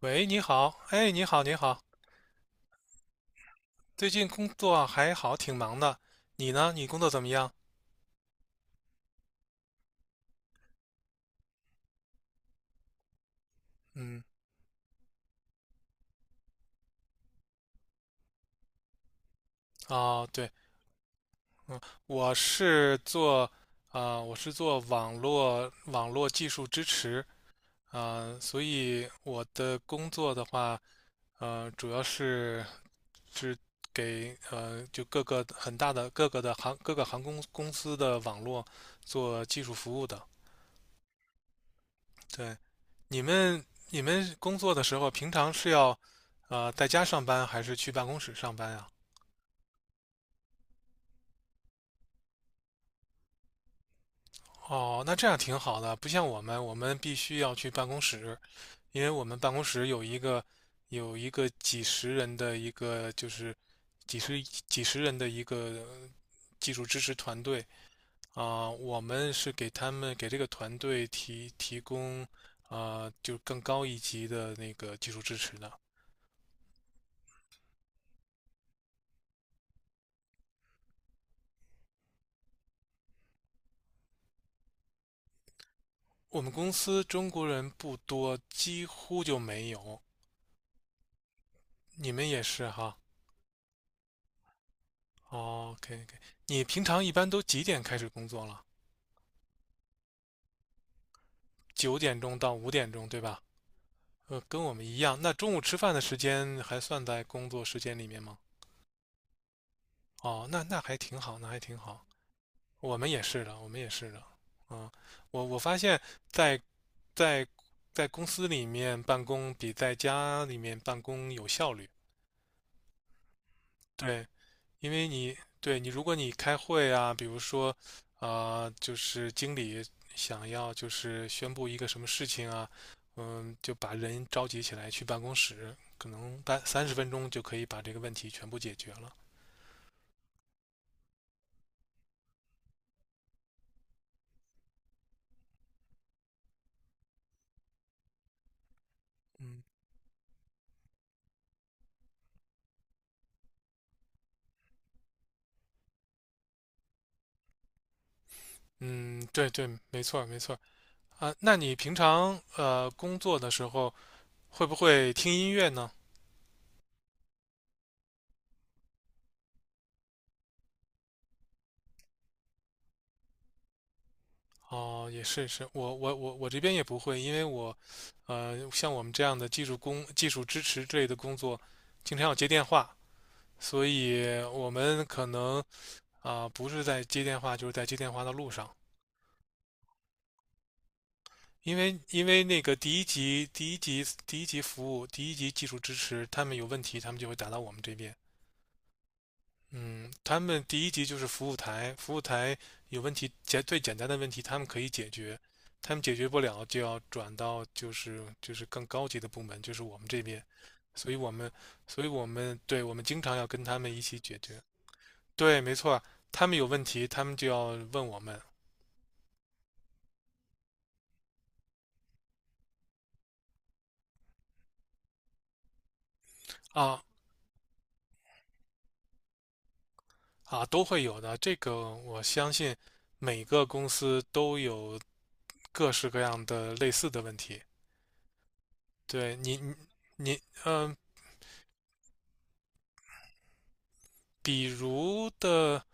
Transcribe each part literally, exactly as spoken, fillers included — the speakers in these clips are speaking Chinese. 喂，你好，哎，你好，你好。最近工作还好，挺忙的。你呢？你工作怎么样？嗯，哦，对，嗯，我是做，啊、我是做网络网络技术支持。啊、所以我的工作的话，呃，主要是是给呃，就各个很大的各个的航各个航空公司的网络做技术服务的。对，你们你们工作的时候，平常是要呃在家上班，还是去办公室上班呀？哦，那这样挺好的，不像我们，我们必须要去办公室，因为我们办公室有一个有一个几十人的一个就是几十几十人的一个技术支持团队。啊，我们是给他们给这个团队提提供啊，就更高一级的那个技术支持的。我们公司中国人不多，几乎就没有。你们也是哈？哦，OK OK。你平常一般都几点开始工作了？九点钟到五点钟，对吧？呃，跟我们一样。那中午吃饭的时间还算在工作时间里面吗？哦，那那还挺好，那还挺好。我们也是的，我们也是的。嗯，我我发现在，在在公司里面办公比在家里面办公有效率。对，因为你对你，如果你开会啊，比如说，啊、就是经理想要就是宣布一个什么事情啊，嗯，就把人召集起来去办公室，可能半三十分钟就可以把这个问题全部解决了。嗯嗯，对对，没错儿没错儿啊。那你平常呃工作的时候会不会听音乐呢？哦，也是是，我我我我这边也不会，因为我，呃，像我们这样的技术工、技术支持之类的工作，经常要接电话，所以我们可能啊、呃不是在接电话，就是在接电话的路上。因为因为那个第一级、第一级、第一级服务、第一级技术支持，他们有问题，他们就会打到我们这边。嗯，他们第一级就是服务台，服务台有问题，简最简单的问题他们可以解决，他们解决不了就要转到就是就是更高级的部门，就是我们这边，所以我们所以我们对我们经常要跟他们一起解决。对，没错，他们有问题，他们就要问我们。啊啊，都会有的。这个我相信每个公司都有各式各样的类似的问题。对，你你你嗯、比如的。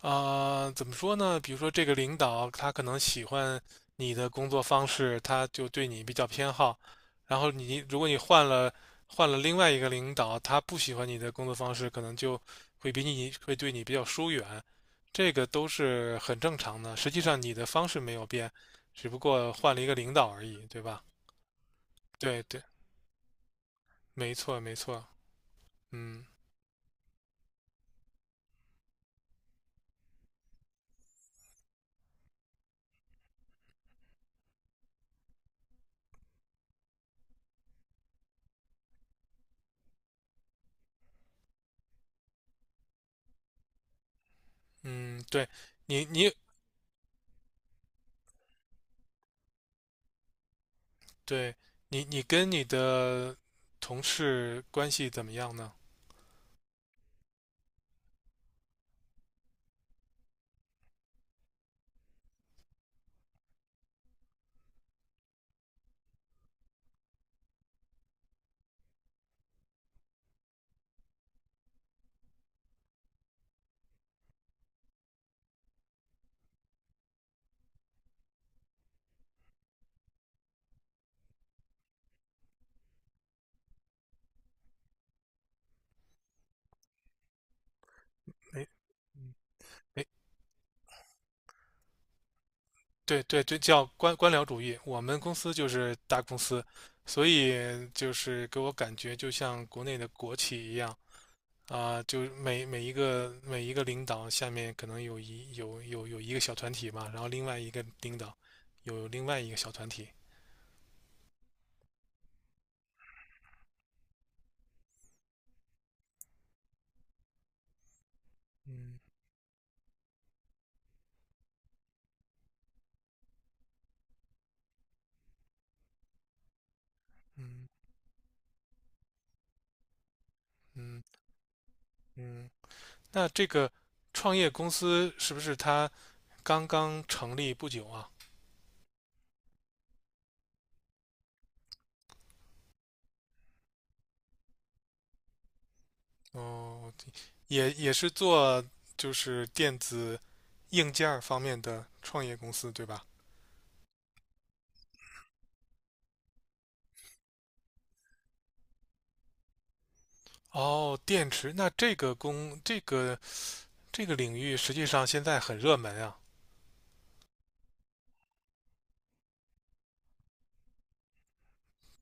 啊、怎么说呢？比如说这个领导他可能喜欢你的工作方式，他就对你比较偏好。然后你如果你换了换了另外一个领导，他不喜欢你的工作方式，可能就会比你会对你比较疏远。这个都是很正常的。实际上你的方式没有变，只不过换了一个领导而已，对吧？对对，没错没错。嗯嗯，对你你对，你你跟你的同事关系怎么样呢？哎哎，对对对，叫官官僚主义。我们公司就是大公司，所以就是给我感觉就像国内的国企一样。啊、就每每一个每一个领导下面可能有一有有有一个小团体嘛，然后另外一个领导有另外一个小团体。嗯嗯嗯嗯，那这个创业公司是不是它刚刚成立不久啊？哦，对，也也是做就是电子硬件儿方面的创业公司，对吧？哦，电池，那这个工这个这个领域实际上现在很热门啊。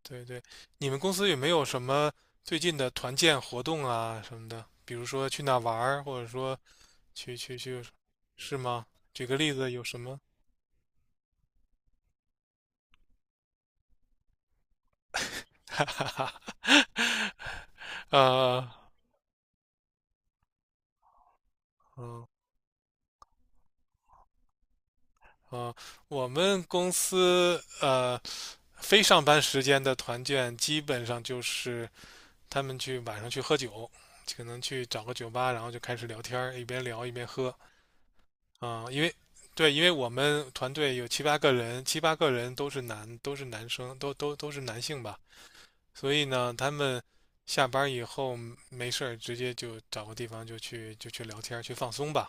对对，你们公司有没有什么最近的团建活动啊什么的？比如说去哪玩儿或者说去去去，是吗？举个例子，有什么？哈哈哈。呃，嗯。啊，我们公司呃，非上班时间的团建，基本上就是他们去晚上去喝酒，可能去找个酒吧，然后就开始聊天，一边聊一边喝。啊、嗯因为对，因为我们团队有七八个人，七八个人都是男，都是男生，都都都是男性吧。所以呢，他们下班以后没事儿，直接就找个地方就去就去聊天去放松吧。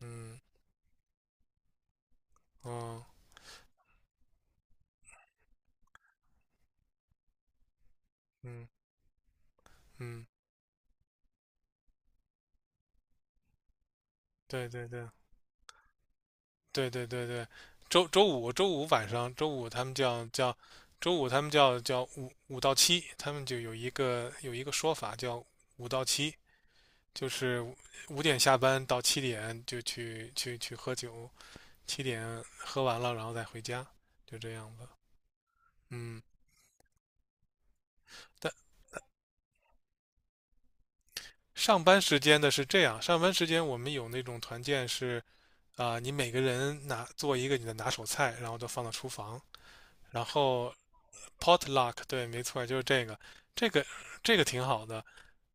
嗯，嗯，嗯嗯，对对对，对对对对。周周五周五晚上，周五他们叫叫，周五他们叫叫五五到七，他们就有一个有一个说法叫五到七，就是五点下班到七点就去去去喝酒，七点喝完了然后再回家，就这样子。嗯，但上班时间的是这样，上班时间我们有那种团建，是啊、你每个人拿做一个你的拿手菜，然后都放到厨房，然后 potluck，对，没错，就是这个。这个这个挺好的。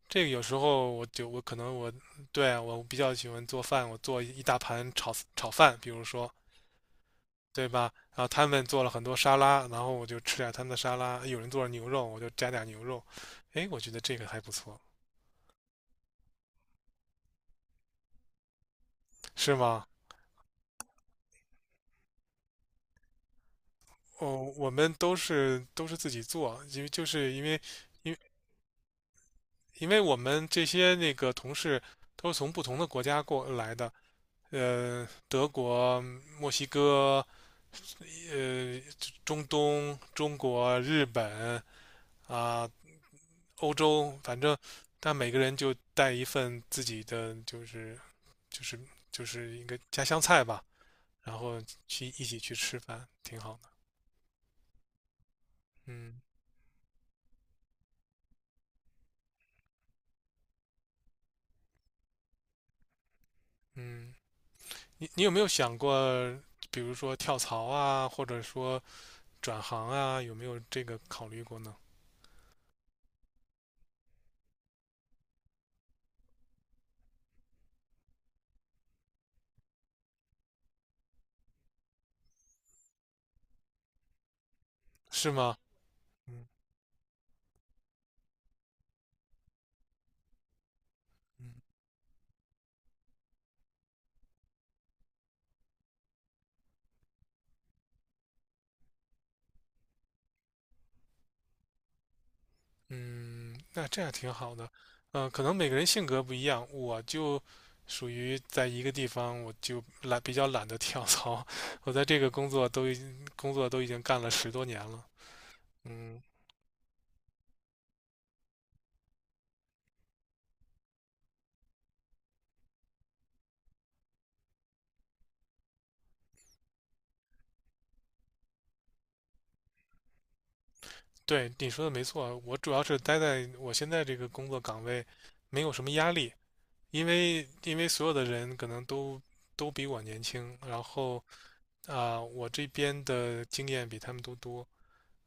这个有时候我就我可能我对啊我比较喜欢做饭，我做一大盘炒炒饭，比如说。对吧？然后他们做了很多沙拉，然后我就吃点他们的沙拉。有人做了牛肉，我就加点牛肉。哎，我觉得这个还不错。是吗？哦，我们都是都是自己做，因为就是因为因为因为我们这些那个同事都是从不同的国家过来的，呃，德国、墨西哥、呃，中东、中国、日本、啊、欧洲，反正但每个人就带一份自己的，就是就是就是一个家乡菜吧，然后去一起去吃饭，挺好的。嗯嗯，你你有没有想过，比如说跳槽啊，或者说转行啊，有没有这个考虑过呢？是吗？嗯嗯嗯，那这样挺好的。嗯，可能每个人性格不一样，我就属于在一个地方，我就懒，比较懒得跳槽。我在这个工作都已经工作都已经干了十多年了。嗯，对，你说的没错，我主要是待在我现在这个工作岗位，没有什么压力，因为因为所有的人可能都都比我年轻，然后啊、我这边的经验比他们都多。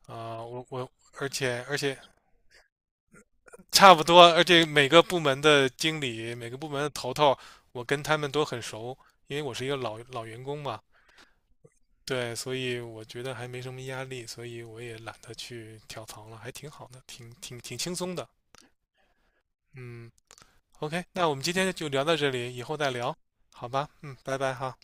啊、我我而且而且差不多，而且每个部门的经理、每个部门的头头，我跟他们都很熟，因为我是一个老老员工嘛。对，所以我觉得还没什么压力，所以我也懒得去跳槽了，还挺好的，挺挺挺轻松的。嗯，OK，那我们今天就聊到这里，以后再聊，好吧？嗯，拜拜哈。